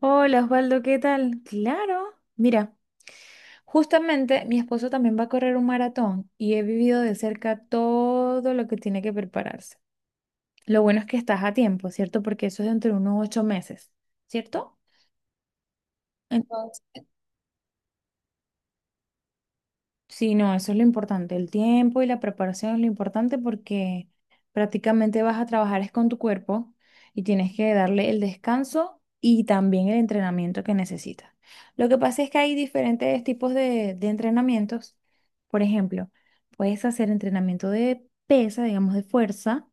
Hola Osvaldo, ¿qué tal? Claro, mira, justamente mi esposo también va a correr un maratón y he vivido de cerca todo lo que tiene que prepararse. Lo bueno es que estás a tiempo, ¿cierto? Porque eso es dentro de unos 8 meses, ¿cierto? Entonces. Sí, no, eso es lo importante. El tiempo y la preparación es lo importante porque prácticamente vas a trabajar es con tu cuerpo y tienes que darle el descanso y también el entrenamiento que necesitas. Lo que pasa es que hay diferentes tipos de entrenamientos. Por ejemplo, puedes hacer entrenamiento de pesa, digamos, de fuerza,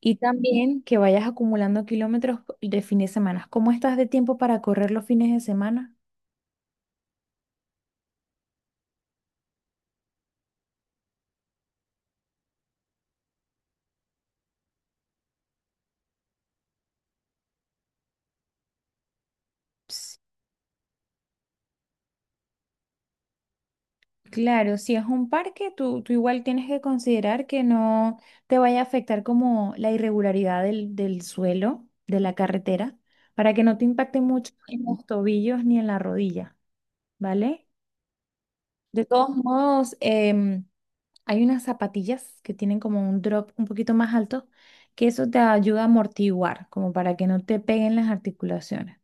y Ujú. También que vayas acumulando kilómetros de fin de semana. ¿Cómo estás de tiempo para correr los fines de semana? Claro, si es un parque, tú igual tienes que considerar que no te vaya a afectar como la irregularidad del suelo, de la carretera, para que no te impacte mucho en los tobillos ni en la rodilla, ¿vale? De todos modos, hay unas zapatillas que tienen como un drop un poquito más alto, que eso te ayuda a amortiguar, como para que no te peguen las articulaciones.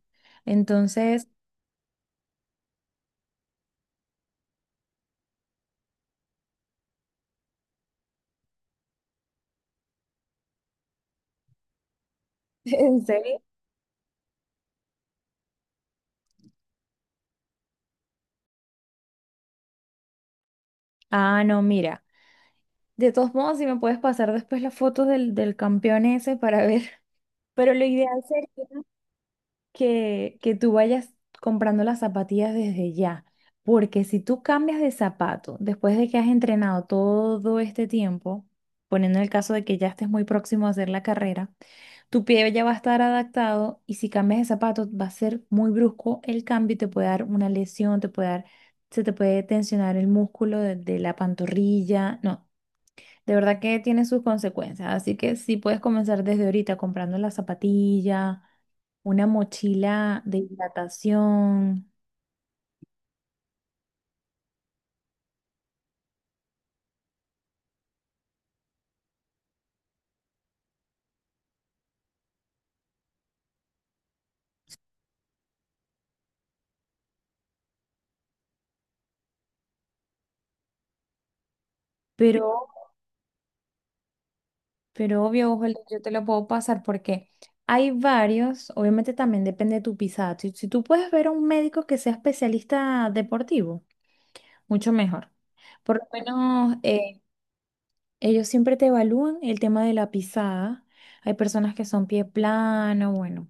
Entonces, ¿en serio? Ah, no, mira. De todos modos, si me puedes pasar después las fotos del campeón ese para ver. Pero lo ideal sería que tú vayas comprando las zapatillas desde ya. Porque si tú cambias de zapato después de que has entrenado todo este tiempo, poniendo el caso de que ya estés muy próximo a hacer la carrera, tu pie ya va a estar adaptado y si cambias de zapato va a ser muy brusco el cambio y te puede dar una lesión, te puede dar, se te puede tensionar el músculo de la pantorrilla. No. De verdad que tiene sus consecuencias, así que sí puedes comenzar desde ahorita comprando la zapatilla, una mochila de hidratación, pero, pero obvio, ojo, yo te lo puedo pasar porque hay varios, obviamente también depende de tu pisada. Si tú puedes ver a un médico que sea especialista deportivo, mucho mejor. Por lo menos, ellos siempre te evalúan el tema de la pisada. Hay personas que son pie plano, bueno,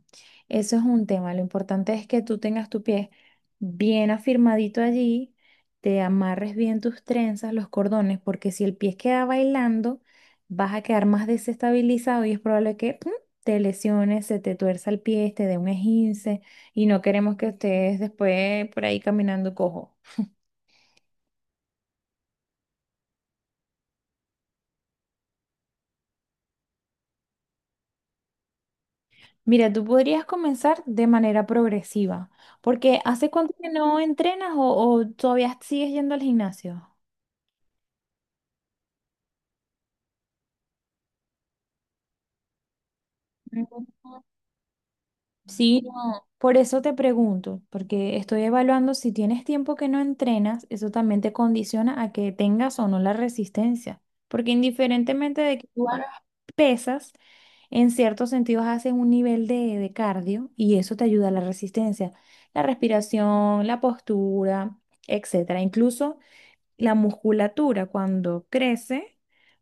eso es un tema. Lo importante es que tú tengas tu pie bien afirmadito allí, te amarres bien tus trenzas, los cordones, porque si el pie queda bailando, vas a quedar más desestabilizado y es probable que ¡pum! Te lesiones, se te tuerza el pie, te dé un esguince y no queremos que estés después por ahí caminando cojo. Mira, tú podrías comenzar de manera progresiva, porque ¿hace cuánto que no entrenas o todavía sigues yendo al gimnasio? Mm. Sí, no. Por eso te pregunto, porque estoy evaluando si tienes tiempo que no entrenas, eso también te condiciona a que tengas o no la resistencia, porque indiferentemente de que tú hagas pesas, en ciertos sentidos haces un nivel de cardio y eso te ayuda a la resistencia, la respiración, la postura, etcétera. Incluso la musculatura cuando crece,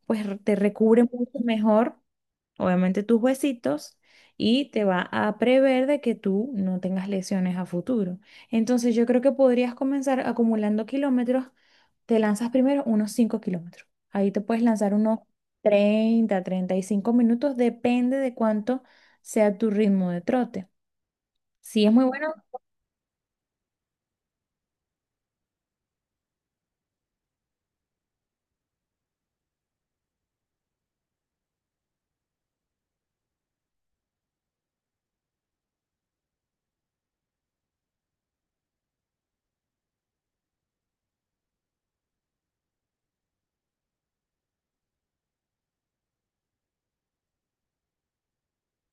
pues te recubre mucho mejor, obviamente, tus huesitos y te va a prever de que tú no tengas lesiones a futuro. Entonces yo creo que podrías comenzar acumulando kilómetros, te lanzas primero unos 5 kilómetros. Ahí te puedes lanzar unos 30, 35 minutos, depende de cuánto sea tu ritmo de trote. Si es muy bueno.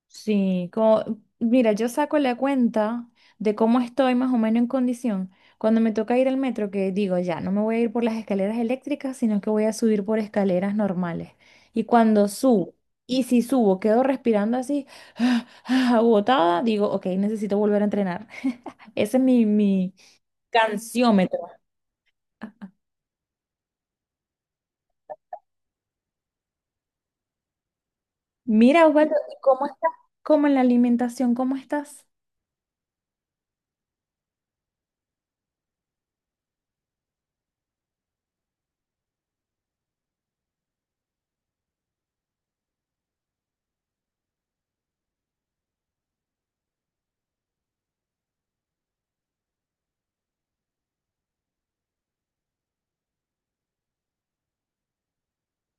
Sí, como, mira, yo saco la cuenta de cómo estoy más o menos en condición. Cuando me toca ir al metro, que digo, ya, no me voy a ir por las escaleras eléctricas, sino que voy a subir por escaleras normales. Y cuando subo, y si subo, quedo respirando así, agotada, digo, ok, necesito volver a entrenar. Ese es mi canciómetro. Mira, Osvaldo, ¿cómo estás? ¿Cómo en la alimentación? ¿Cómo estás?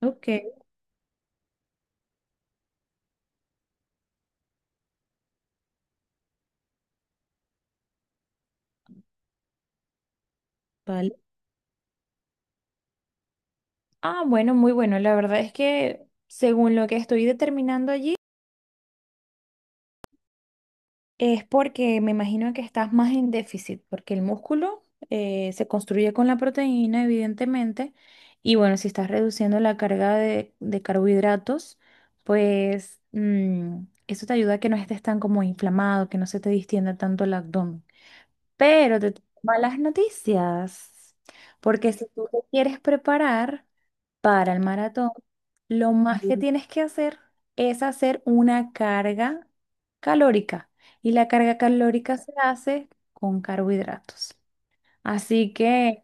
Ok, vale. Ah, bueno, muy bueno. La verdad es que según lo que estoy determinando allí, es porque me imagino que estás más en déficit, porque el músculo se construye con la proteína, evidentemente, y bueno, si estás reduciendo la carga de carbohidratos, pues eso te ayuda a que no estés tan como inflamado, que no se te distienda tanto el abdomen. Pero te tengo malas noticias, porque si tú te quieres preparar para el maratón, lo más que Ujú. Tienes que hacer es hacer una carga calórica. Y la carga calórica se hace con carbohidratos. Así que,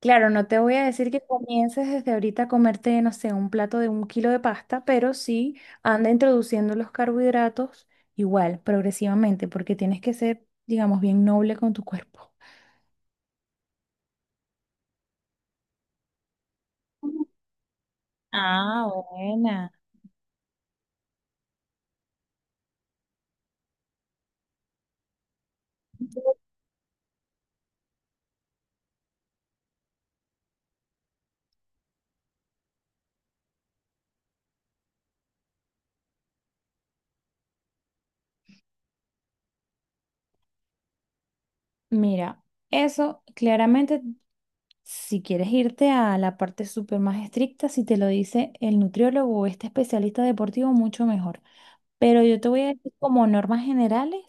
claro, no te voy a decir que comiences desde ahorita a comerte, no sé, un plato de un kilo de pasta, pero sí anda introduciendo los carbohidratos igual, progresivamente, porque tienes que ser, digamos, bien noble con tu cuerpo. Ah, buena. Mira, eso claramente, si quieres irte a la parte súper más estricta, si te lo dice el nutriólogo o este especialista deportivo, mucho mejor. Pero yo te voy a decir como normas generales,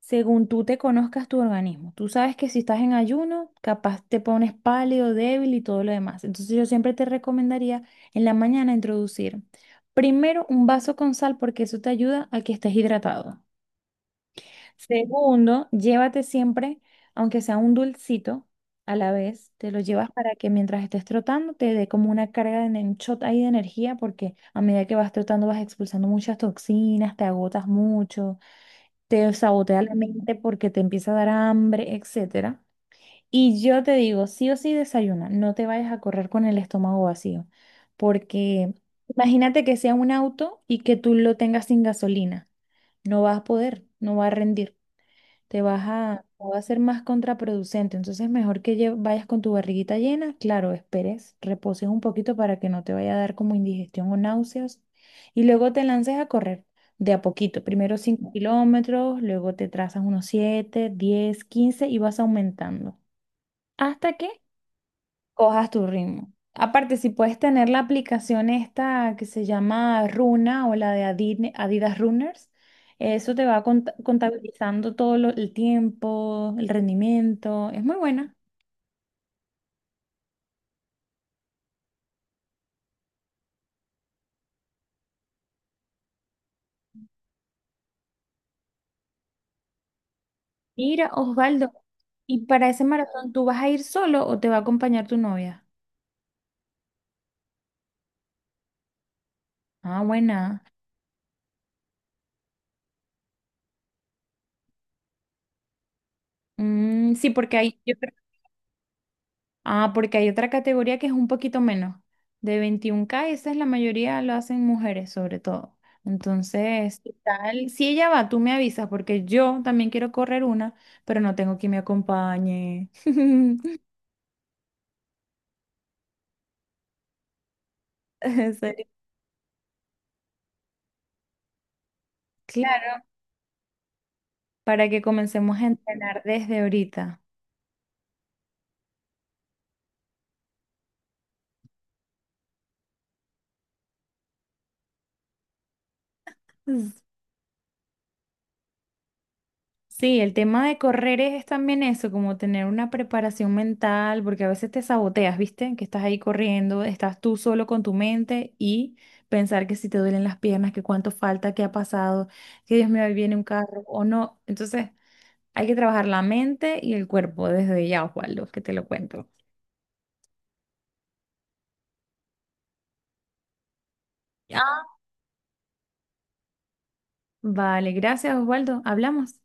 según tú te conozcas tu organismo. Tú sabes que si estás en ayuno, capaz te pones pálido, débil y todo lo demás. Entonces yo siempre te recomendaría en la mañana introducir primero un vaso con sal porque eso te ayuda a que estés hidratado. Segundo, llévate siempre, aunque sea un dulcito a la vez, te lo llevas para que mientras estés trotando te dé como una carga de shot ahí de energía, porque a medida que vas trotando vas expulsando muchas toxinas, te agotas mucho, te sabotea la mente porque te empieza a dar hambre, etcétera. Y yo te digo, sí o sí desayuna, no te vayas a correr con el estómago vacío, porque imagínate que sea un auto y que tú lo tengas sin gasolina, no vas a poder, no va a rendir, te vas a, va a ser más contraproducente. Entonces, mejor que vayas con tu barriguita llena, claro, esperes, reposes un poquito para que no te vaya a dar como indigestión o náuseas. Y luego te lances a correr de a poquito. Primero 5 kilómetros, luego te trazas unos 7, 10, 15 y vas aumentando. ¿Hasta que cojas tu ritmo? Aparte, si puedes tener la aplicación esta que se llama Runa o la de Adidas Runners, eso te va contabilizando todo el tiempo, el rendimiento. Es muy buena. Mira, Osvaldo, ¿y para ese maratón tú vas a ir solo o te va a acompañar tu novia? Ah, buena. Mm, sí, porque ahí yo creo. Ah, porque hay otra categoría que es un poquito menos, de 21K, y esa es la mayoría lo hacen mujeres sobre todo. Entonces, ¿qué tal? Si ella va, tú me avisas, porque yo también quiero correr una, pero no tengo quien me acompañe. En serio. Claro, para que comencemos a entrenar desde ahorita. Sí, el tema de correr es también eso, como tener una preparación mental, porque a veces te saboteas, ¿viste? Que estás ahí corriendo, estás tú solo con tu mente y pensar que si te duelen las piernas, que cuánto falta, que ha pasado, que Dios mío, ahí viene un carro o no. Entonces, hay que trabajar la mente y el cuerpo desde ya, Osvaldo, que te lo cuento. Ah, vale, gracias, Osvaldo. Hablamos.